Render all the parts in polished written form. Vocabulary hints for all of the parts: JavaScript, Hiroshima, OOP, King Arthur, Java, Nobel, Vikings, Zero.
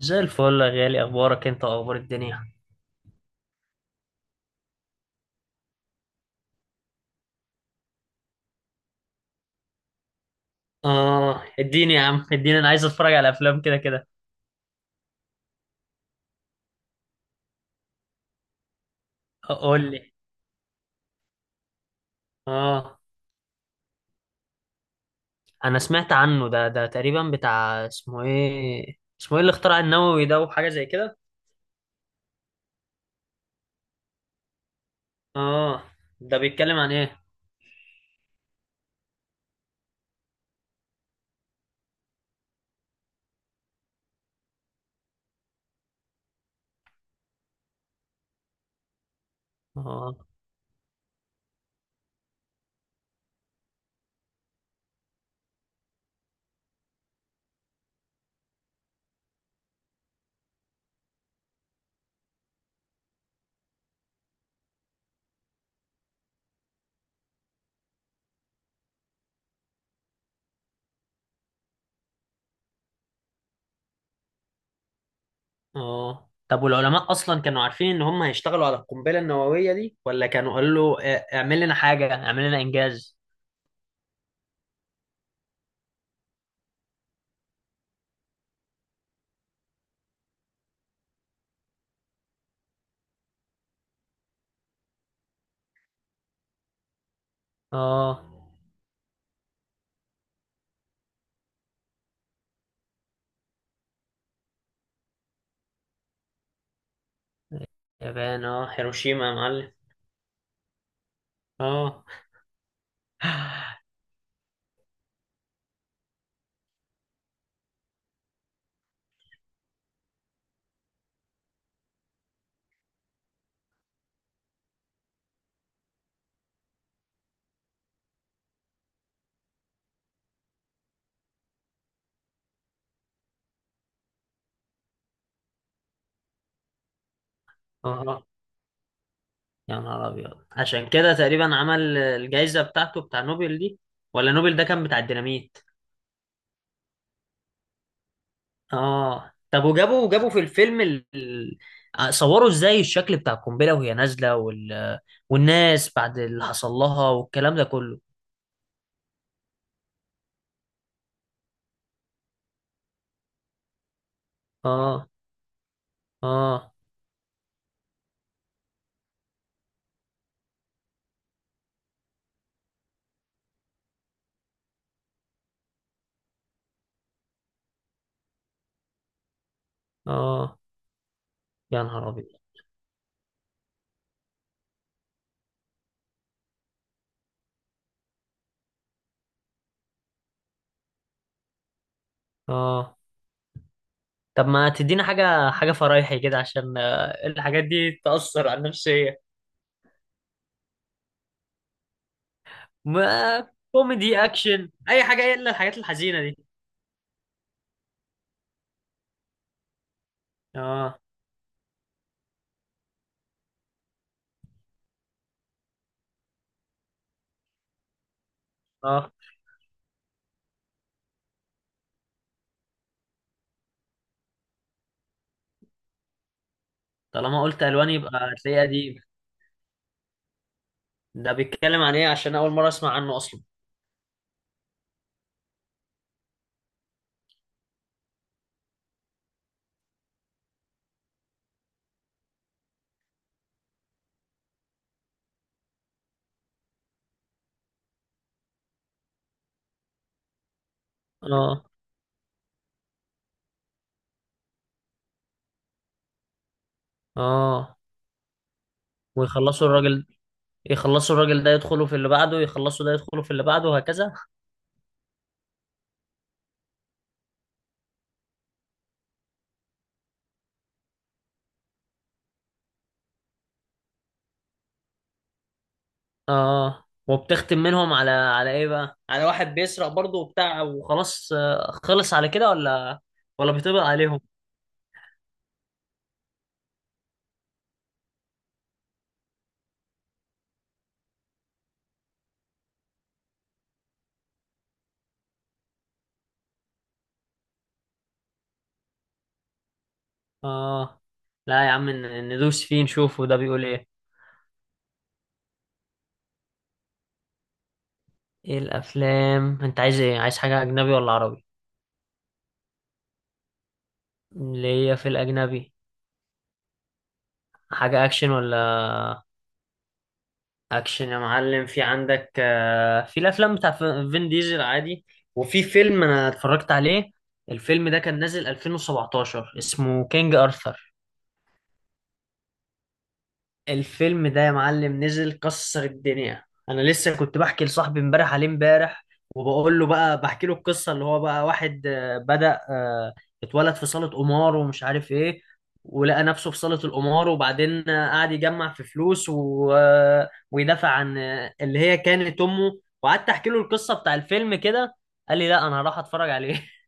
زي الفل يا غالي، اخبارك انت واخبار الدنيا. اه اديني يا عم، اديني، انا عايز اتفرج على افلام كده كده. قول لي. اه، انا سمعت عنه، ده تقريبا بتاع اسمه ايه، اسمه ايه اللي اخترع النووي ده وحاجه زي كده. اه، ده بيتكلم عن ايه؟ اه. اه طب والعلماء اصلا كانوا عارفين ان هم هيشتغلوا على القنبله النوويه دي، ولا كانوا قالوا له اه، اعمل لنا حاجه، اعمل لنا انجاز. اه، يابان، اه هيروشيما يا معلم. اه. اه يا نهار ابيض، عشان كده تقريبا عمل الجائزه بتاعته بتاع نوبل دي، ولا نوبل ده كان بتاع الديناميت؟ اه طب، وجابوا في الفيلم صوروا ازاي الشكل بتاع القنبله وهي نازله والناس بعد اللي حصل لها والكلام ده كله. اه. اه. اه يا نهار ابيض. اه طب ما تدينا حاجه فرايحي كده، عشان الحاجات دي تاثر على النفسيه. ما كوميدي اكشن اي حاجه، الا الحاجات الحزينه دي. اه. اه طالما قلت الوان يبقى هتلاقيه قديم. ده بيتكلم عن ايه؟ عشان اول مره اسمع عنه اصلا. اه. اه ويخلصوا الراجل، يخلصوا الراجل ده يدخلوا في اللي بعده، يخلصوا ده يدخلوا في اللي بعده، وهكذا. اه وبتختم منهم على على ايه بقى، على واحد بيسرق برضه وبتاع وخلاص خلص على كده، ولا ولا بيطبق عليهم؟ اه لا يا عم، ندوس فيه نشوفه ده بيقول ايه. ايه الافلام انت عايز، ايه عايز، حاجه اجنبي ولا عربي؟ اللي هي في الاجنبي. حاجه اكشن ولا؟ اكشن يا معلم، في عندك في الافلام بتاع فين ديزل عادي. وفي فيلم انا اتفرجت عليه، الفيلم ده كان نازل 2017، اسمه كينج ارثر. الفيلم ده يا معلم نزل كسر الدنيا. انا لسه كنت بحكي لصاحبي امبارح عليه امبارح، وبقول له بقى، بحكي له القصه اللي هو بقى واحد بدأ، اتولد في صاله قمار ومش عارف ايه، ولقى نفسه في صاله القمار، وبعدين قعد يجمع في فلوس و ويدافع عن اللي هي كانت امه، وقعدت احكي له القصه بتاع الفيلم كده. قال لي لا، انا هروح اتفرج عليه.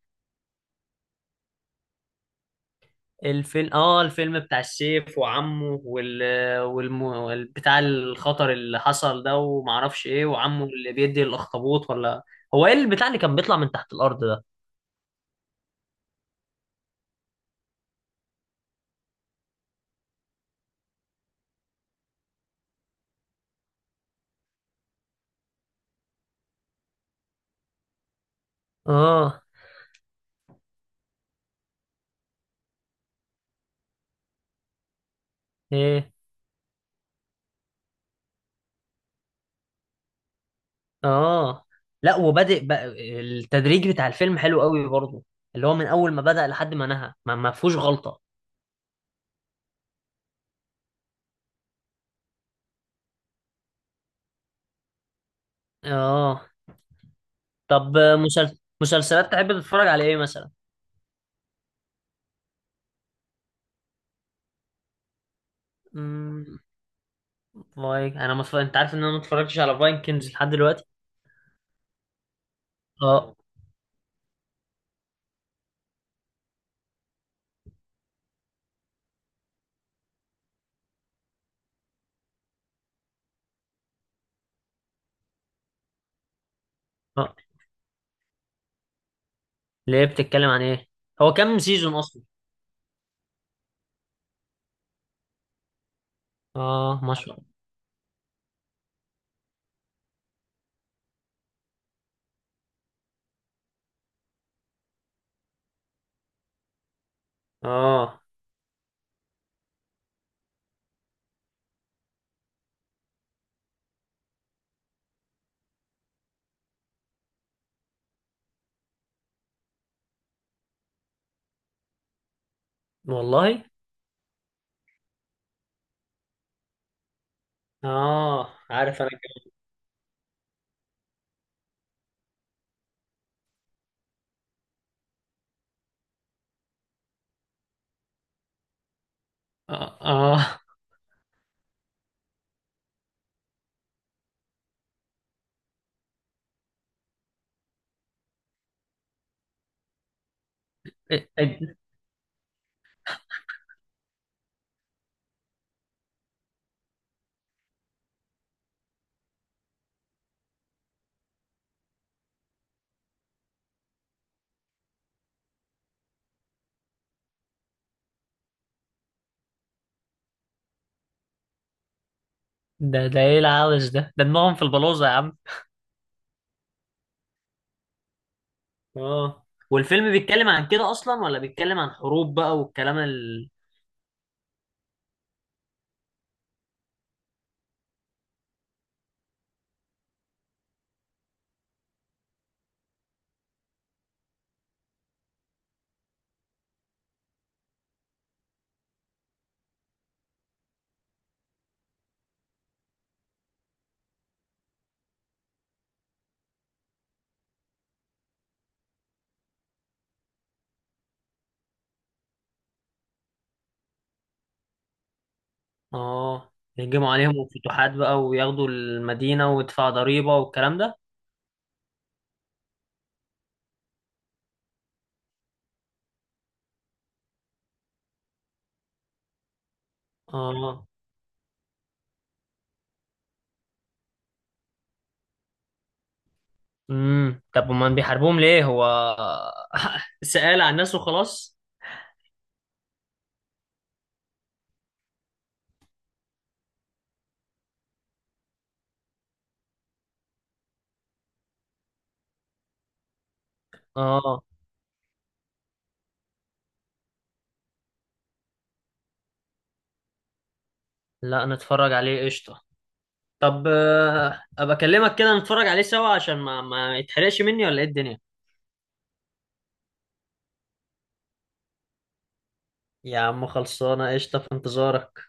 الفيلم، اه الفيلم بتاع السيف وعمه وال والم... وال- بتاع الخطر اللي حصل ده ومعرفش ايه، وعمه اللي بيدي الاخطبوط، ولا هو ايه البتاع اللي كان بيطلع من تحت الارض ده؟ اه. ايه. اه لا، وبادئ بقى، التدريج بتاع الفيلم حلو قوي برضه، اللي هو من اول ما بدأ لحد ما نهى، ما فيهوش غلطة. اه طب مسلسلات تحب تتفرج على ايه مثلا؟ امم. انا ما اتف- انت عارف ان انا ما اتفرجتش على فايكنجز لحد دلوقتي. اه ليه، بتتكلم عن ايه؟ هو كام سيزون اصلا؟ اه ما شاء الله. اه. والله. اه عارف انا كده. اه. آه. إيه- إيه- ده ده ايه العبث ده دماغهم في البلوزة يا عم. اه، والفيلم بيتكلم عن كده اصلا، ولا بيتكلم عن حروب بقى والكلام ال... اه، يهجموا عليهم فتوحات بقى وياخدوا المدينة ويدفعوا ضريبة والكلام ده. اه. طب امال بيحاربوهم ليه هو؟ سأل عن الناس وخلاص. اه لا، نتفرج عليه قشطة. طب ابقى اكلمك كده نتفرج عليه سوا، عشان ما يتحرقش مني، ولا ايه الدنيا. يا عم خلصانه قشطه، في انتظارك.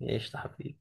قشطه حبيبي.